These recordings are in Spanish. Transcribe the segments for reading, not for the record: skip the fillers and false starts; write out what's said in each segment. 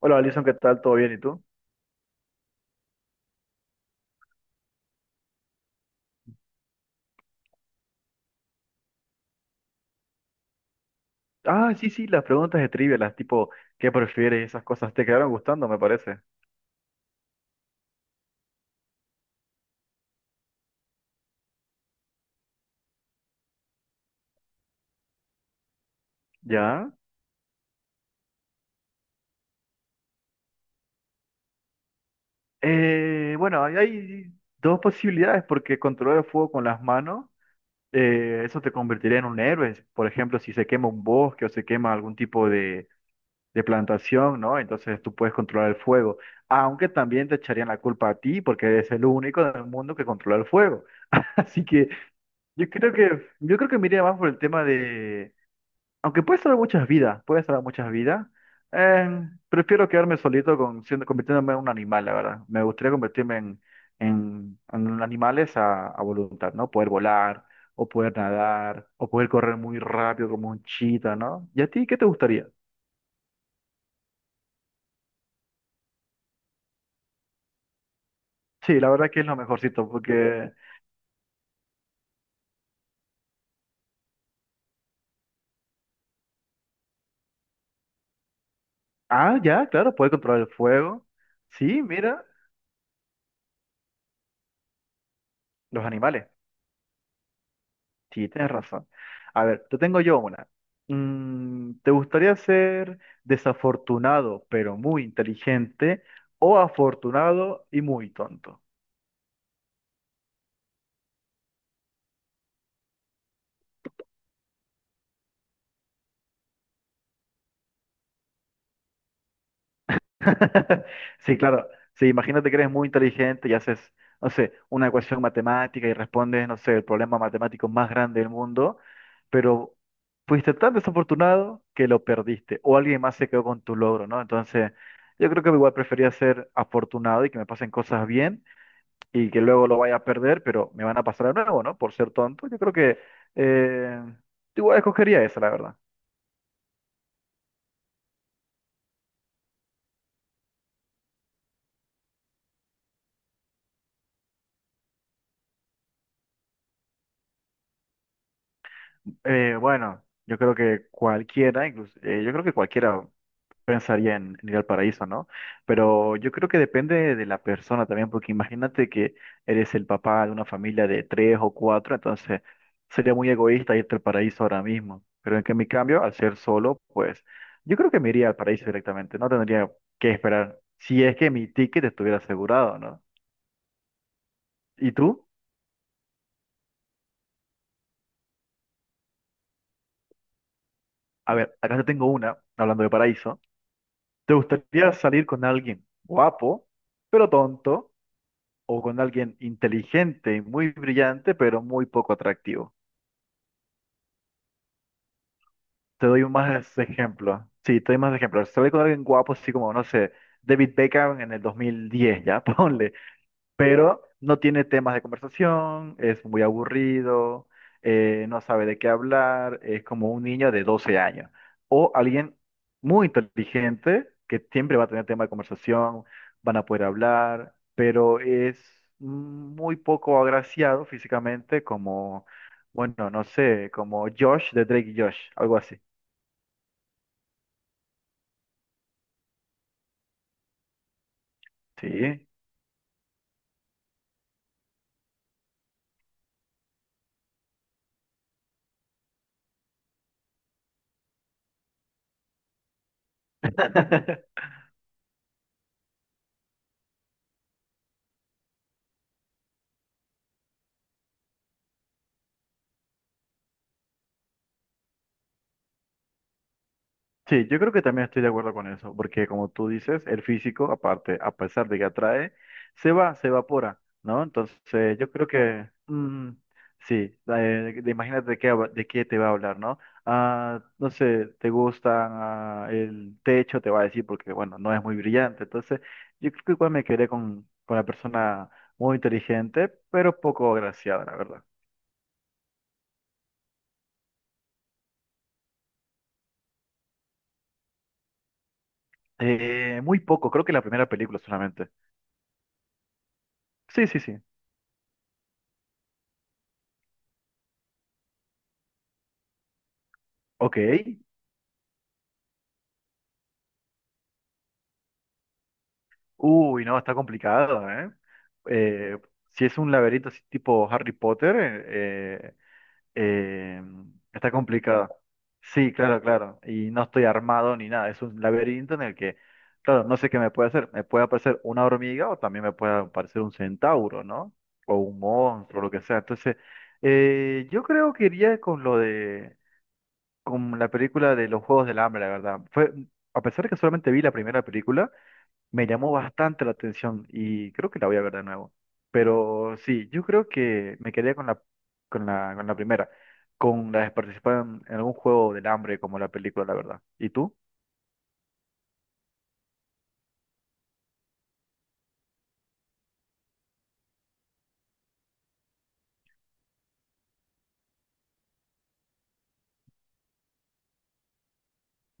Hola, Alison, ¿qué tal? ¿Todo bien? ¿Y tú? Ah, sí, sí, las preguntas de trivia, las tipo, ¿qué prefieres? Y esas cosas te quedaron gustando, me parece. ¿Ya? Bueno, ahí hay dos posibilidades, porque controlar el fuego con las manos, eso te convertiría en un héroe. Por ejemplo, si se quema un bosque o se quema algún tipo de plantación, ¿no? Entonces tú puedes controlar el fuego. Aunque también te echarían la culpa a ti, porque eres el único en el mundo que controla el fuego. Así que yo creo que me iría más por el tema de aunque puede salvar muchas vidas, puede salvar muchas vidas. eh, Prefiero quedarme solito con, siendo, convirtiéndome en un animal, la verdad. Me gustaría convertirme en, en animales a voluntad, ¿no? Poder volar, o poder nadar, o poder correr muy rápido como un chita, ¿no? ¿Y a ti qué te gustaría? Sí, la verdad que es lo mejorcito, porque... Ah, ya, claro, puede controlar el fuego. Sí, mira, los animales. Sí, tienes razón. A ver, te tengo yo una. ¿Te gustaría ser desafortunado pero muy inteligente o afortunado y muy tonto? Sí, claro. Sí, imagínate que eres muy inteligente y haces, no sé, una ecuación matemática y respondes, no sé, el problema matemático más grande del mundo, pero fuiste tan desafortunado que lo perdiste o alguien más se quedó con tu logro, ¿no? Entonces, yo creo que igual prefería ser afortunado y que me pasen cosas bien y que luego lo vaya a perder, pero me van a pasar de nuevo, ¿no? Por ser tonto, yo creo que eh, igual escogería esa, la verdad. Bueno, yo creo que cualquiera, incluso, yo creo que cualquiera pensaría en ir al paraíso, ¿no? Pero yo creo que depende de la persona también, porque imagínate que eres el papá de una familia de tres o cuatro, entonces sería muy egoísta irte al paraíso ahora mismo. Pero en que en mi cambio, al ser solo, pues yo creo que me iría al paraíso directamente, no tendría que esperar, si es que mi ticket estuviera asegurado, ¿no? ¿Y tú? A ver, acá te tengo una, hablando de paraíso. ¿Te gustaría salir con alguien guapo, pero tonto, o con alguien inteligente y muy brillante, pero muy poco atractivo? Te doy más ejemplos. Sí, te doy más ejemplos. Se Sale con alguien guapo, así como, no sé, David Beckham en el 2010, ya, ponle, pero no tiene temas de conversación, es muy aburrido, no sabe de qué hablar, es como un niño de 12 años o alguien muy inteligente que siempre va a tener tema de conversación, van a poder hablar, pero es muy poco agraciado físicamente como, bueno, no sé, como Josh de Drake y Josh, algo así. Sí. Sí, yo creo que también estoy de acuerdo con eso, porque como tú dices, el físico, aparte, a pesar de que atrae, se va, se evapora, ¿no? Entonces, yo creo que, sí, eh, imagínate de qué te va a hablar, ¿no? Ah, no sé, te gusta ah, el techo, te va a decir, porque, bueno, no es muy brillante. Entonces, yo creo que igual me quedé con la persona muy inteligente, pero poco agraciada, la verdad. Muy poco, creo que la primera película solamente. Sí, sí, sí. Ok. Uy, no, está complicado, ¿eh? Eh, si es un laberinto así tipo Harry Potter, eh, eh, está complicado. Sí, claro, claro. Y no estoy armado ni nada. Es un laberinto en el que, claro, no sé qué me puede hacer. Me puede aparecer una hormiga o también me puede aparecer un centauro, ¿no? O un monstruo, lo que sea. Entonces, yo creo que iría con lo de, con la película de los Juegos del Hambre, la verdad. Fue, a pesar de que solamente vi la primera película, me llamó bastante la atención y creo que la voy a ver de nuevo. Pero sí, yo creo que me quedaría con la primera, con la de participar en algún juego del hambre como la película, la verdad. ¿Y tú?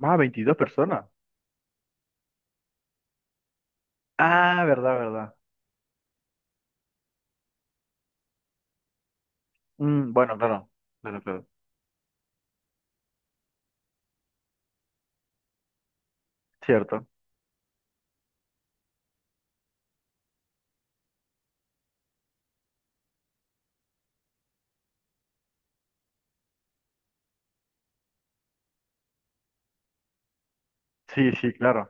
Más 22 personas. Ah, verdad, verdad. Mm, bueno, claro, claro, claro. Cierto. Sí, sí, claro.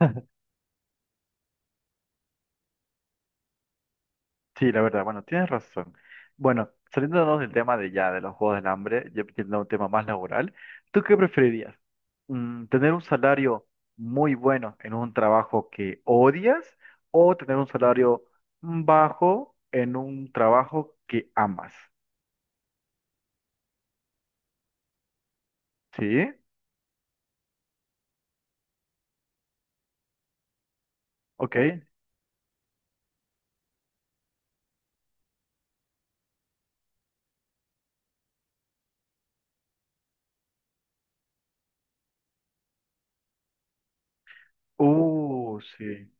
Sí, la verdad, bueno, tienes razón. Bueno, saliéndonos del tema de ya, de los juegos del hambre, yo pidiendo un tema más laboral, ¿tú qué preferirías? ¿Tener un salario muy bueno en un trabajo que odias o tener un salario bajo en un trabajo que amas? ¿Sí? ¿Ok? Sí.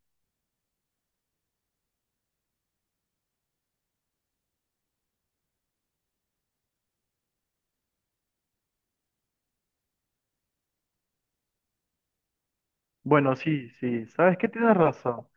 Bueno, sí, sí, sabes que tienes razón.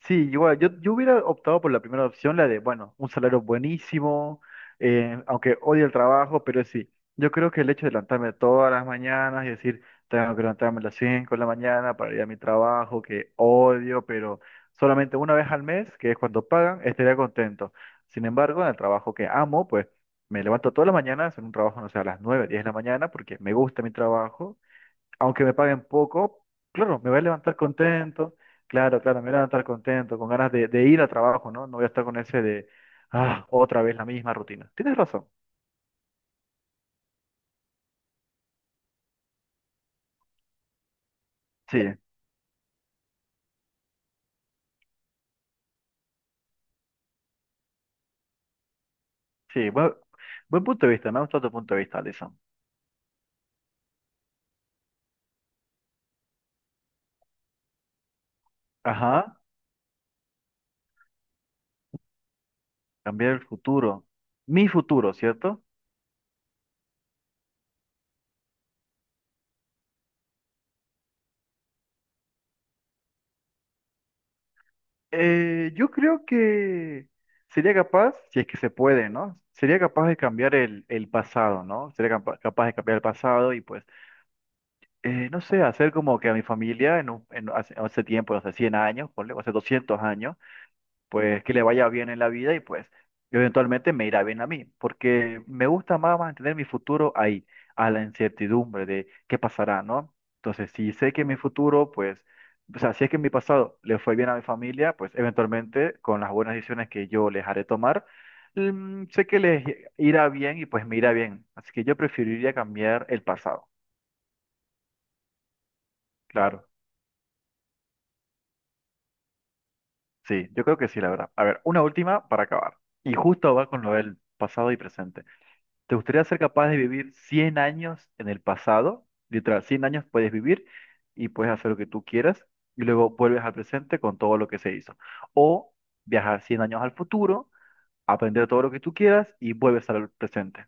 Sí, igual, yo hubiera optado por la primera opción, la de, bueno, un salario buenísimo, aunque odio el trabajo, pero sí, yo creo que el hecho de levantarme todas las mañanas y decir, tengo que levantarme a las 5 de la mañana para ir a mi trabajo, que odio, pero solamente una vez al mes, que es cuando pagan, estaría contento. Sin embargo, en el trabajo que amo, pues me levanto todas las mañanas, en un trabajo, no sé, a las 9 10 de la mañana, porque me gusta mi trabajo aunque me paguen poco, claro, me voy a levantar contento, claro, claro, me voy a levantar contento, con ganas de ir a trabajo, ¿no? No voy a estar con ese de, ah, otra vez la misma rutina. Tienes razón, sí, sí, buen punto de vista, me ha gustado tu punto de vista, Alison. Ajá, cambiar el futuro, mi futuro, ¿cierto? Yo creo que sería capaz, si es que se puede, ¿no? Sería capaz de cambiar el pasado, ¿no? Sería capaz de cambiar el pasado y pues no sé, hacer como que a mi familia en hace, hace tiempo, hace 100 años, ponle, o hace 200 años, pues que le vaya bien en la vida y pues yo eventualmente me irá bien a mí, porque me gusta más mantener mi futuro ahí, a la incertidumbre de qué pasará, ¿no? Entonces, si sé que mi futuro, pues, o sea, si es que en mi pasado le fue bien a mi familia, pues eventualmente con las buenas decisiones que yo les haré tomar, sé que les irá bien y pues me irá bien. Así que yo preferiría cambiar el pasado, claro. Sí, yo creo que sí, la verdad. A ver, una última para acabar. Y justo va con lo del pasado y presente. ¿Te gustaría ser capaz de vivir 100 años en el pasado? Literal, 100 años puedes vivir y puedes hacer lo que tú quieras y luego vuelves al presente con todo lo que se hizo. O viajar 100 años al futuro, aprender todo lo que tú quieras y vuelves al presente.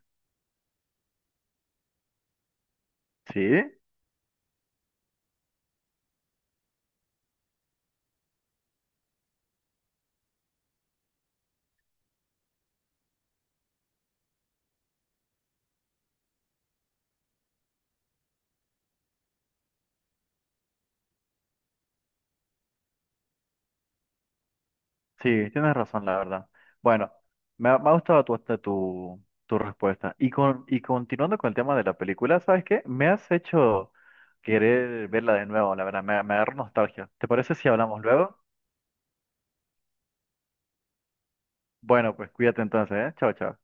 ¿Sí? Sí, tienes razón, la verdad. Bueno, me ha gustado tu respuesta. Y continuando con el tema de la película, ¿sabes qué? Me has hecho querer verla de nuevo, la verdad, me agarró nostalgia. ¿Te parece si hablamos luego? Bueno, pues cuídate entonces, ¿eh? Chao, chao.